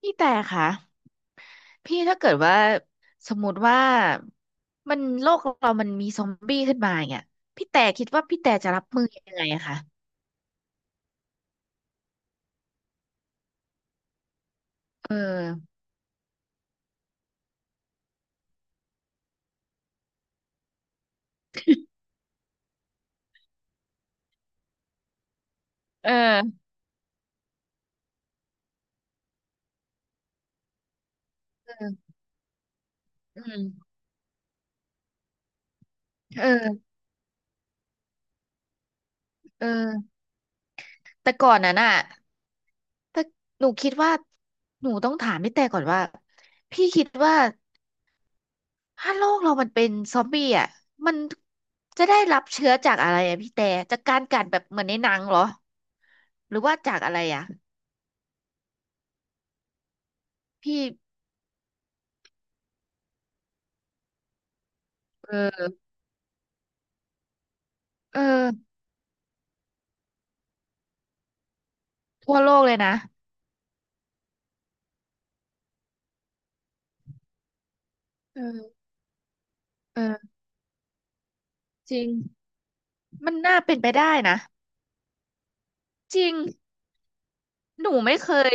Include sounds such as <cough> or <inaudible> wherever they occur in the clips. พี่แต่ค่ะพี่ถ้าเกิดว่าสมมติว่ามันโลกเรามันมีซอมบี้ขึ้นมาเนี่ยพี่แต่คิดว่าพี่แต่จะรับมือยังไงอะคะเออเออเอออืมเออเออแต่ก่อนนั้นอ่ะถ้าหนูคิดว่าหนูต้องถามพี่แต่ก่อนว่าพี่คิดว่าถ้าโลกเรามันเป็นซอมบี้อ่ะมันจะได้รับเชื้อจากอะไรอ่ะพี่แต่จากการกัดแบบเหมือนในหนังเหรอหรือว่าจากอะไรอ่ะพี่เออเออ ทั่วโลกเลยนะเออเออจริงมันน่าเป็นไปได้นะ จริง หนูไม่เคย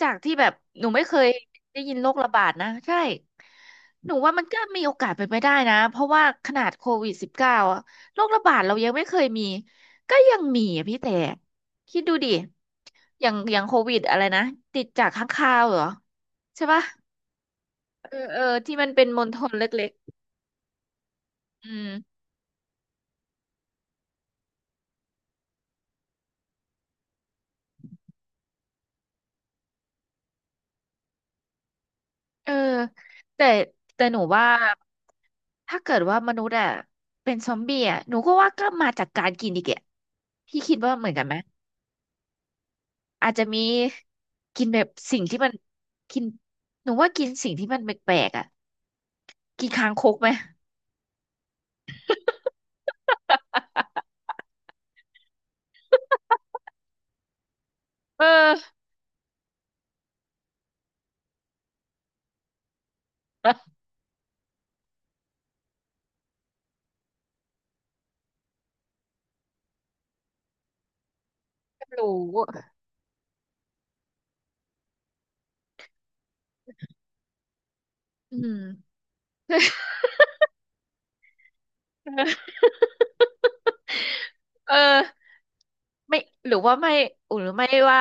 จากที่แบบ หนูไม่เคยได้ยินโรคระบาดนะใช่ หนูว่ามันก็มีโอกาสเป็นไปได้นะ เพราะว่าขนาดโควิดสิบเก้าอะโรคระบาดเรายังไม่เคยมี ก็ยังมีอะพี่แต่คิดดูดิอย่างอย่างโควิดอะไรนะ ติดจากค้างคาวเหรอใช่ปะเออเออที่มันเป็นมลพิษเล็กๆอืม เออแต่แต่หนูว่าถ้าเกิดว่ามนุษย์อะเป็นซอมบี้อะหนูก็ว่าก็มาจากการกินอีกแกพี่คิดว่าเหมือนกันไหมอาจจะมีกินแบบสิ่งที่มันกินหนูว่ากินสิ่งที่มันแปลกๆอะกินคางคกไหม <laughs> เออหรู้อืมเออไม่หรือว่าไม่หรือไม่ว่า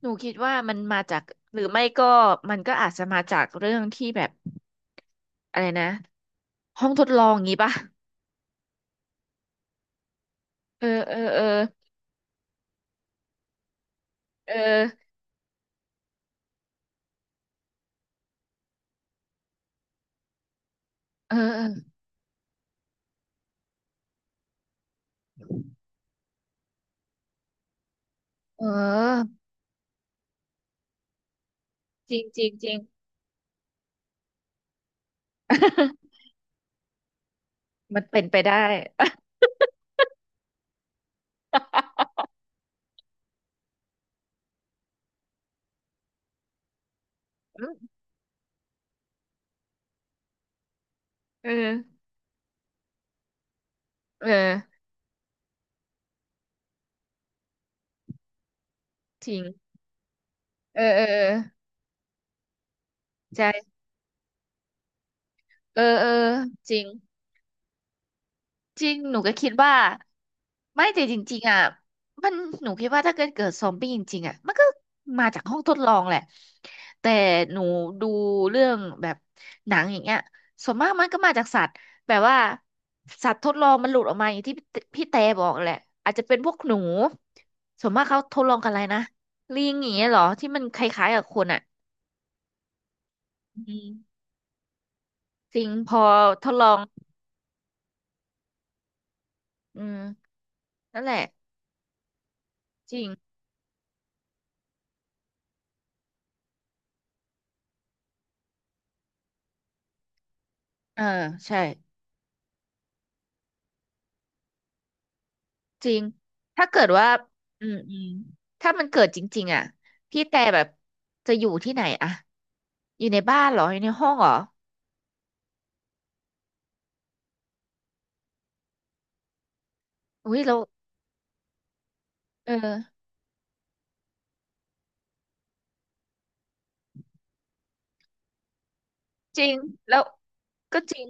หนูคิดว่ามันมาจากหรือไม่ก็มันก็อาจจะมาจากเรื่องที่แบบอะไรนะห้องทดลองงี้ป่ะเออเออเออเออเออเออเออจริงจริงจริง <laughs> มันเป็นไปได้ <laughs> เออเออจริงเออเออเออใช่เออเออจริง จริง หนูก็คิดว่าไม่แต่จริงๆอ่ะมัน หนูคิดว่าถ้าเกิดซอมบี้จริงๆอ่ะมันก็มาจากห้องทดลองแหละแต่หนูดูเรื่องแบบหนังอย่างเงี้ยส่วนมากมันก็มาจากสัตว์แบบว่าสัตว์ทดลองมันหลุดออกมาอย่างที่พี่แต่บอกแหละอาจจะเป็นพวกหนูส่วนมากเขาทดลองกันอะไรนะลิงอย่างเงี้ยเหรอที่มันคล้ายๆกับคนอ่ะอืมจริงพอทดลองอืมนั่นแหละจริงเออใช่ จริง ถ้าเกิดว่าอืมอืมถ้ามันเกิดจริงๆอ่ะพี่แต่แบบจะอยู่ที่ไหนอะ อยู่ในบ้านเหรอ อยู่ในห้องเหรออุ้ยแล้วเออจริงแล้วก็จริง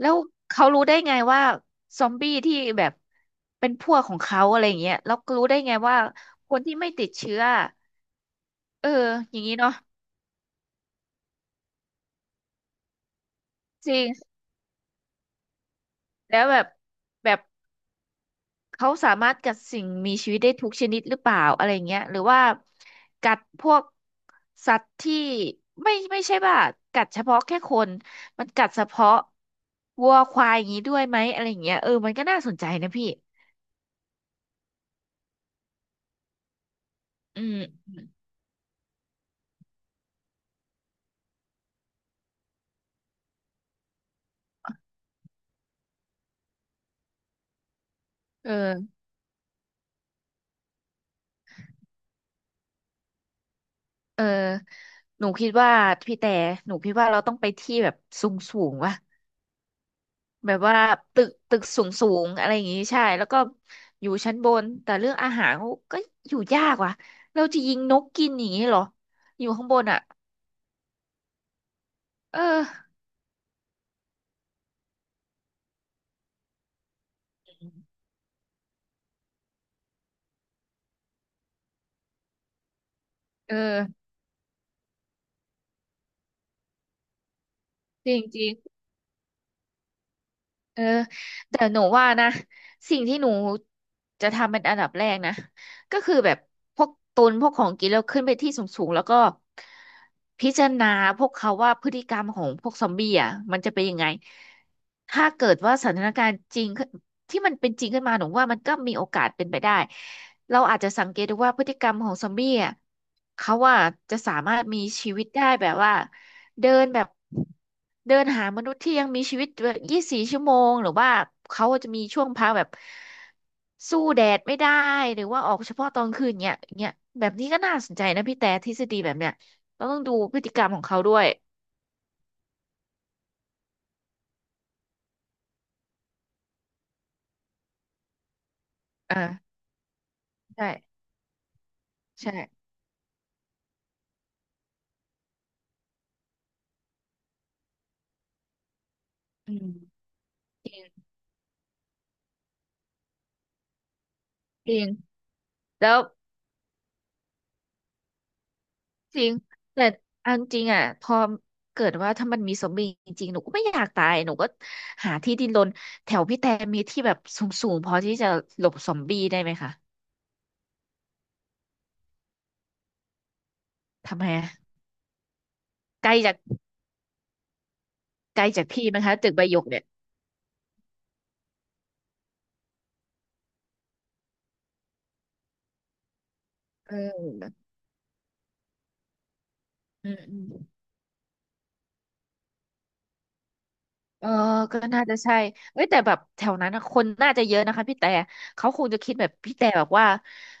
แล้วเขารู้ได้ไงว่าซอมบี้ที่แบบเป็นพวกของเขาอะไรอย่างเงี้ยแล้วรู้ได้ไงว่าคนที่ไม่ติดเชื้อเอออย่างนี้เนาะจริง แล้วแบบแบบ เขาสามารถกัดสิ่งมีชีวิตได้ทุกชนิดหรือเปล่าอะไรเงี้ยหรือว่ากัดพวกสัตว์ที่ไม่ไม่ใช่ว่ากัดเฉพาะแค่คนมันกัดเฉพาะวัวควายอย่างนี้ด้วยไหมอะไรเงี้ยเออมันก็น่าสนใจนะพี่อืมเออเออหนูคิดว่าพี่แต่หนูคิดว่าเราต้องไปที่แบบสูงสูงวะ แบบว่าตึกตึกสูงสูงอะไรอย่างงี้ใช่แล้วก็อยู่ชั้นบนแต่เรื่องอาหารเขาก็อยู่ยากว่ะเราจะยิงนกกินอย่างงี้เหรออยู่ข้างบนอ่ะเออเออจริงๆ เออแต่หนูว่านะสิ่งที่หนูจะทำเป็นอันดับแรกนะก็คือแบบพวกตุนพวกของกินแล้วขึ้นไปที่สูงๆแล้วก็พิจารณาพวกเขาว่าพฤติกรรมของพวกซอมบี้อ่ะมันจะเป็นยังไงถ้าเกิดว่าสถานการณ์จริงขึ้นที่มันเป็นจริงขึ้นมาหนูว่ามันก็มีโอกาสเป็นไปได้เราอาจจะสังเกตดูว่าพฤติกรรมของซอมบี้อ่ะเขาว่าจะสามารถมีชีวิตได้แบบว่า เดินแบบเดินหามนุษย์ที่ยังมีชีวิตแบบ24 ชั่วโมงหรือว่าเขาจะมีช่วงพักแบบสู้แดดไม่ได้หรือว่าออกเฉพาะตอนคืนเนี้ยเนี้ยแบบนี้ก็น่าสนใจนะพี่แต่ทฤษฎีแบบเนี้ยเราต้องดูพฤติกรรมของเขาด้วยอ่าใช่ใช่อืมจริงแล้วจริงแต่เอันจริงอ่ะพอเกิดว่าถ้ามันมีซอมบีจริงๆหนูก็ไม่อยากตายหนูก็หาที่ดินรนแถวพี่แต่มีที่แบบสูงๆพอที่จะหลบสมบีได้ไหมคะ ทำไมอะไกลจากไกลจากพี่ไหมงคะตึกใบหยกเนี่ยเอออืมอืมเออก็น่าจะใช่เอ้ยแต่แบบแถวนั้นนะคนน่าจะเยอะนะคะพี่แต่เขาคงจะคิดแบบพี่แต่แบบว่า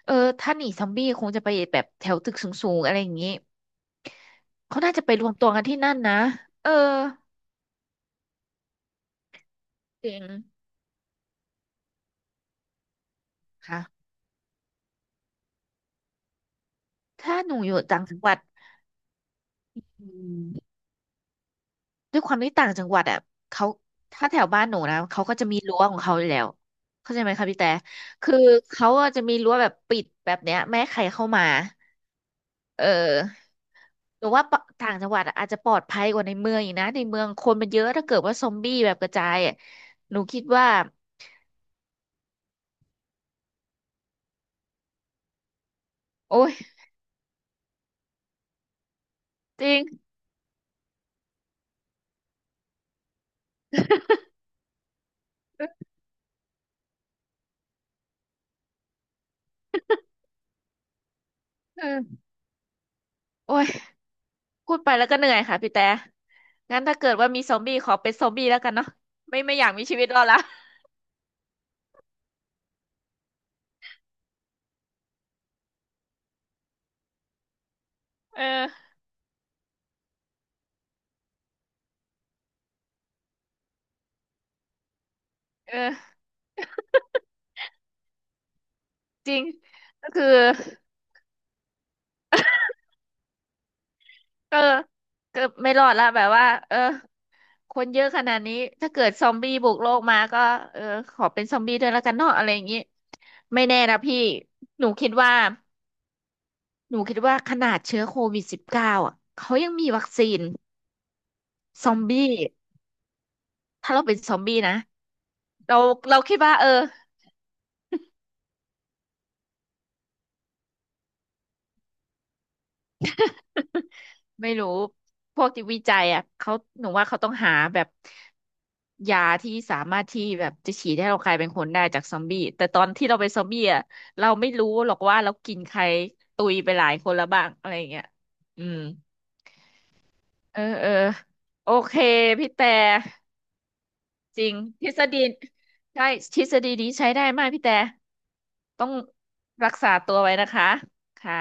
เออถ้าหนีซอมบี้คงจะไปแบบแถวตึกสูงๆอะไรอย่างนี้เขาน่าจะไปรวมตัวกันที่นั่นนะเออจริงค่ะถ้าหนูอยู่ต่างจังหวัดอืม ด้วยความที่ต่างจังหวัดอ่ะเขาถ้าแถวบ้านหนูนะเขาก็จะมีรั้วของเขาอยู่แล้วเข้าใจไหมคะพี่แต่คือเขาอะจะมีรั้วแบบปิดแบบเนี้ยไม่ให้ใครเข้ามาเออหนูว่าปะต่างจังหวัดอะอาจจะปลอดภัยกว่าในเมืองอีกนะในเมืองคนมันเยอะถ้าเกิดว่าซอมบี้แบบกระจายอะหนูคิดว่าโอ้ยจริงเออโอ้ยพูดไปแล้วก็เหนื่อยค่ะพี่แต่งั้นถ้าเกิดว่ามีซอมบี้ขอเป็นซอมบี้แล้วกันเนาะไม่ไม่อยากมีชีวิตรอดละเออเออจริงก็คือ เออเก็ไม่รอดละแบบว่าเออคนเยอะขนาดนี้ถ้าเกิดซอมบี้บุกโลกมาก็เออขอเป็นซอมบี้ด้วยแล้วกันเนาะอะไรอย่างนี้ไม่แน่นะพี่หนูคิดว่าหนูคิดว่าขนาดเชื้อโควิดสิบเก้าอ่ะเขายังมีวัคซีนซอมบี้ถ้าเราเป็นซอมบี้นะเราเราคิดว่าเออ ไม่รู้พวกที่วิจัยอ่ะเขาหนูว่าเขาต้องหาแบบยาที่สามารถที่แบบจะฉีดให้เรากลายเป็นคนได้จากซอมบี้แต่ตอนที่เราเป็นซอมบี้อ่ะเราไม่รู้หรอกว่าเรากินใครตุยไปหลายคนแล้วบ้างอะไรอย่างเงี้ยอืมเออเออโอเคพี่แต่จริงทฤษฎีใช่ทฤษฎีนี้ใช้ได้มากพี่แต่ต้องรักษาตัวไว้นะคะค่ะ